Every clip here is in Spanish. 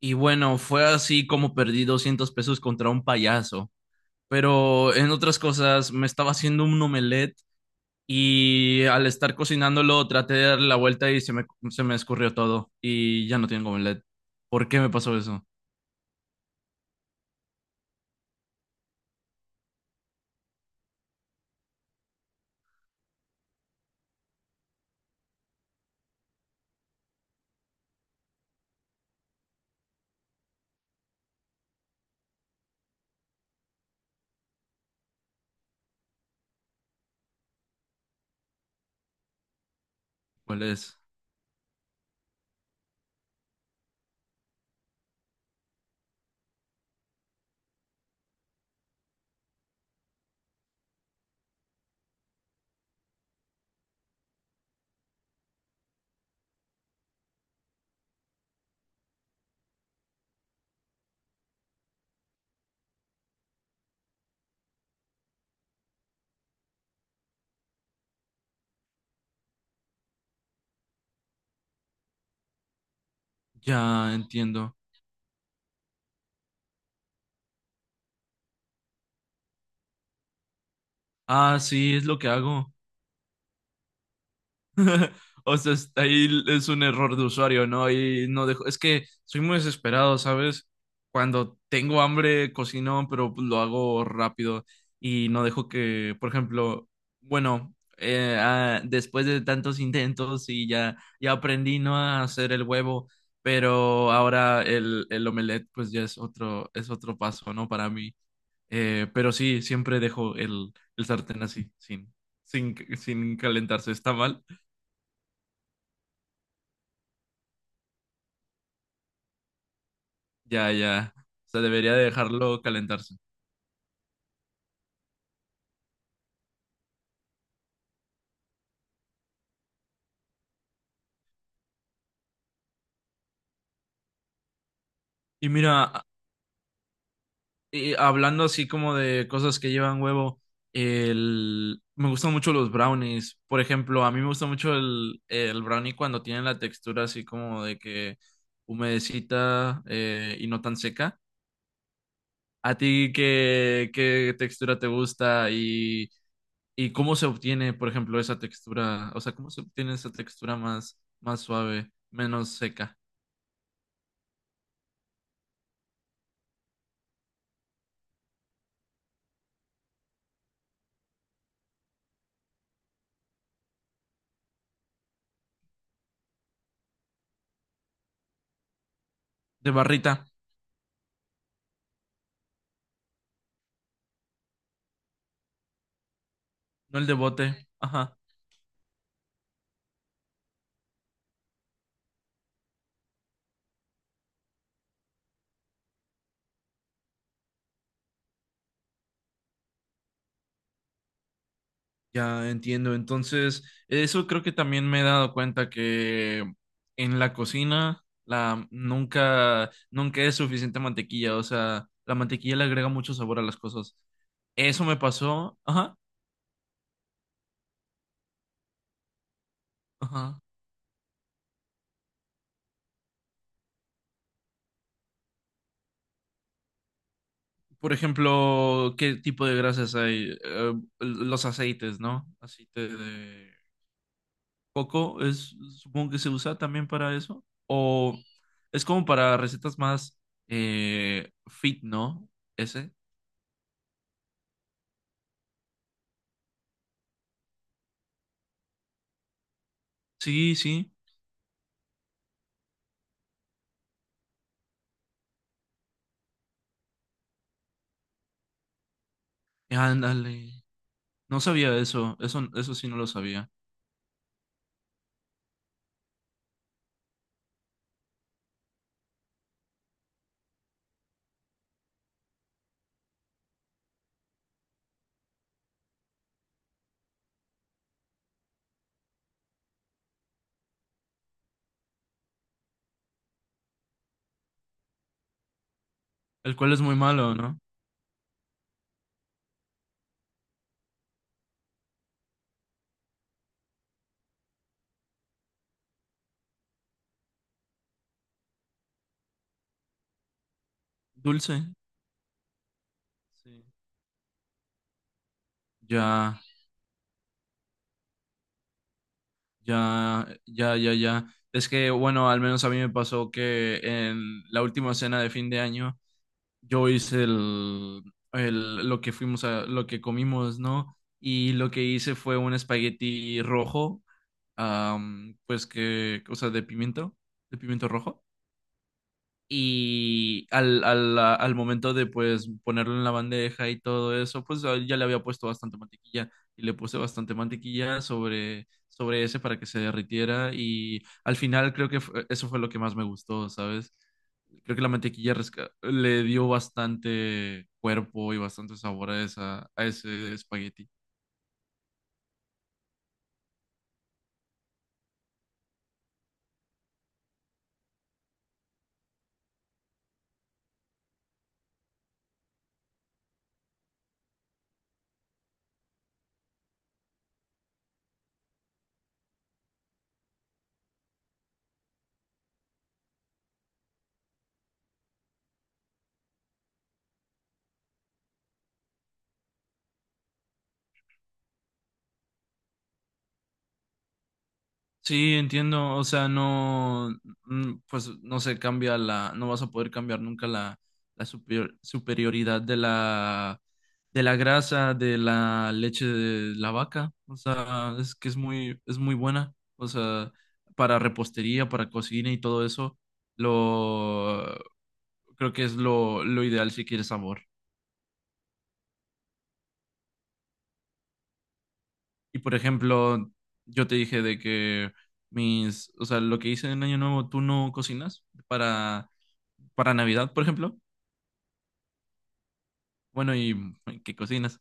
Y bueno, fue así como perdí 200 pesos contra un payaso. Pero en otras cosas, me estaba haciendo un omelette y al estar cocinándolo traté de dar la vuelta y se me escurrió todo y ya no tengo omelette. ¿Por qué me pasó eso? ¿Cuál es? Ya entiendo. Ah, sí, es lo que hago. O sea, ahí es un error de usuario, ¿no? Y no dejo. Es que soy muy desesperado, ¿sabes? Cuando tengo hambre, cocino, pero pues, lo hago rápido y no dejo que, por ejemplo, bueno, después de tantos intentos y ya aprendí, ¿no? A hacer el huevo, pero ahora el omelette, pues ya es es otro paso, ¿no? Para mí. Pero sí, siempre dejo el sartén así, sin calentarse. ¿Está mal? Ya. O sea, debería de dejarlo calentarse. Y mira, a- y hablando así como de cosas que llevan huevo, me gustan mucho los brownies. Por ejemplo, a mí me gusta mucho el brownie cuando tienen la textura así como de que humedecita y no tan seca. ¿A ti qué textura te gusta y cómo se obtiene, por ejemplo, esa textura? O sea, ¿cómo se obtiene esa textura más suave, menos seca? De barrita, no el de bote. Ajá. Ya entiendo. Entonces, eso creo que también me he dado cuenta que en la cocina la nunca es suficiente mantequilla, o sea, la mantequilla le agrega mucho sabor a las cosas. Eso me pasó, ajá, ajá. Por ejemplo, ¿qué tipo de grasas hay? Los aceites, ¿no? Aceite de coco es supongo que se usa también para eso o es como para recetas más fit, ¿no? Ese. Sí, sí. Ándale. No sabía eso. Eso sí no lo sabía. ¿El cual es muy malo, no? Dulce. Sí. Ya, ya. Es que, bueno, al menos a mí me pasó que en la última cena de fin de año yo hice lo que fuimos a, lo que comimos, ¿no? Y lo que hice fue un espagueti rojo, am, pues que, o sea, de pimiento rojo. Y al momento de pues ponerlo en la bandeja y todo eso, pues ah, ya le había puesto bastante mantequilla y le puse bastante mantequilla sobre, sobre ese para que se derritiera y al final creo que eso fue lo que más me gustó, ¿sabes? Creo que la mantequilla le dio bastante cuerpo y bastante sabor a esa, a ese espagueti. Sí, entiendo, o sea, no, mm, pues no se cambia la, no vas a poder cambiar nunca la, la superioridad de la grasa, de la leche de la vaca, o sea, es que es muy buena, o sea, para repostería, para cocina y todo eso, lo, creo que es lo ideal si quieres sabor. Y por ejemplo, yo te dije de que mis, o sea, lo que hice en Año Nuevo, tú no cocinas para Navidad, por ejemplo. Bueno, ¿y qué cocinas?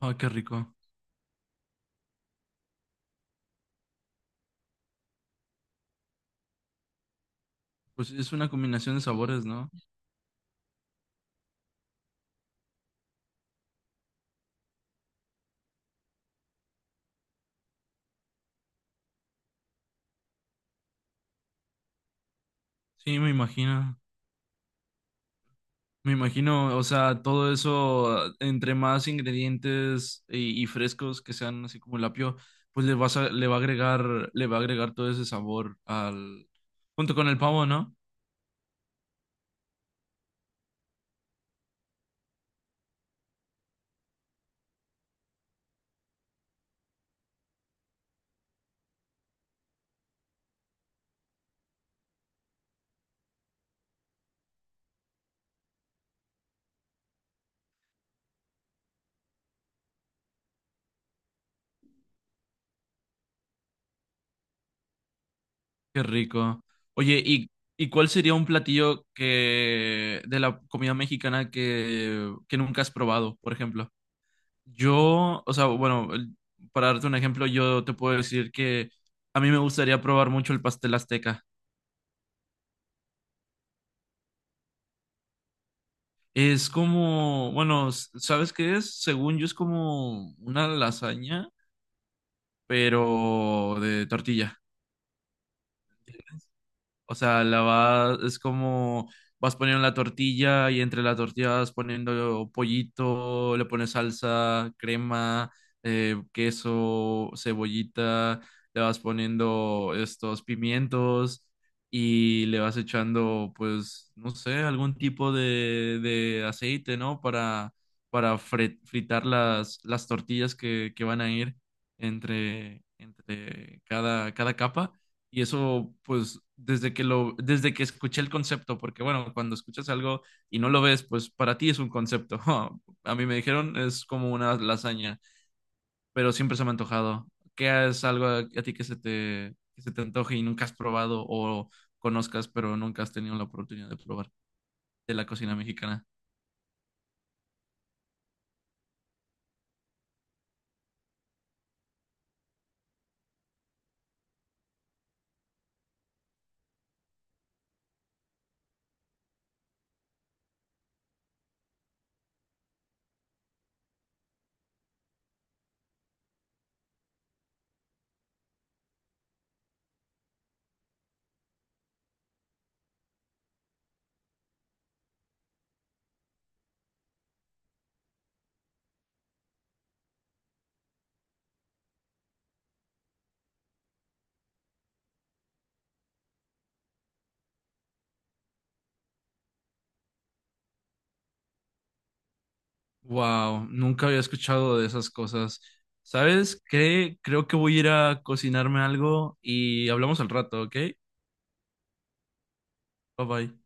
Ah, qué rico. Pues es una combinación de sabores, ¿no? Sí, me imagino. Me imagino, o sea, todo eso, entre más ingredientes y frescos que sean así como el apio, pues le va a agregar, le va a agregar todo ese sabor al, junto con el pavo, ¿no? Qué rico. Oye, ¿y cuál sería un platillo que de la comida mexicana que nunca has probado, por ejemplo? Yo, o sea, bueno, para darte un ejemplo, yo te puedo decir que a mí me gustaría probar mucho el pastel azteca. Es como, bueno, ¿sabes qué es? Según yo es como una lasaña, pero de tortilla. O sea, es como vas poniendo la tortilla y entre la tortilla vas poniendo pollito, le pones salsa, crema, queso, cebollita, le vas poniendo estos pimientos y le vas echando, pues, no sé, algún tipo de aceite, ¿no? Para fritar las tortillas que van a ir entre, entre cada, cada capa. Y eso, pues, desde que escuché el concepto, porque bueno, cuando escuchas algo y no lo ves, pues para ti es un concepto. A mí me dijeron es como una lasaña, pero siempre se me ha antojado. ¿Qué es algo a ti que que se te antoje y nunca has probado o conozcas, pero nunca has tenido la oportunidad de probar de la cocina mexicana? Wow, nunca había escuchado de esas cosas. ¿Sabes qué? Creo que voy a ir a cocinarme algo y hablamos al rato, ¿ok? Bye bye.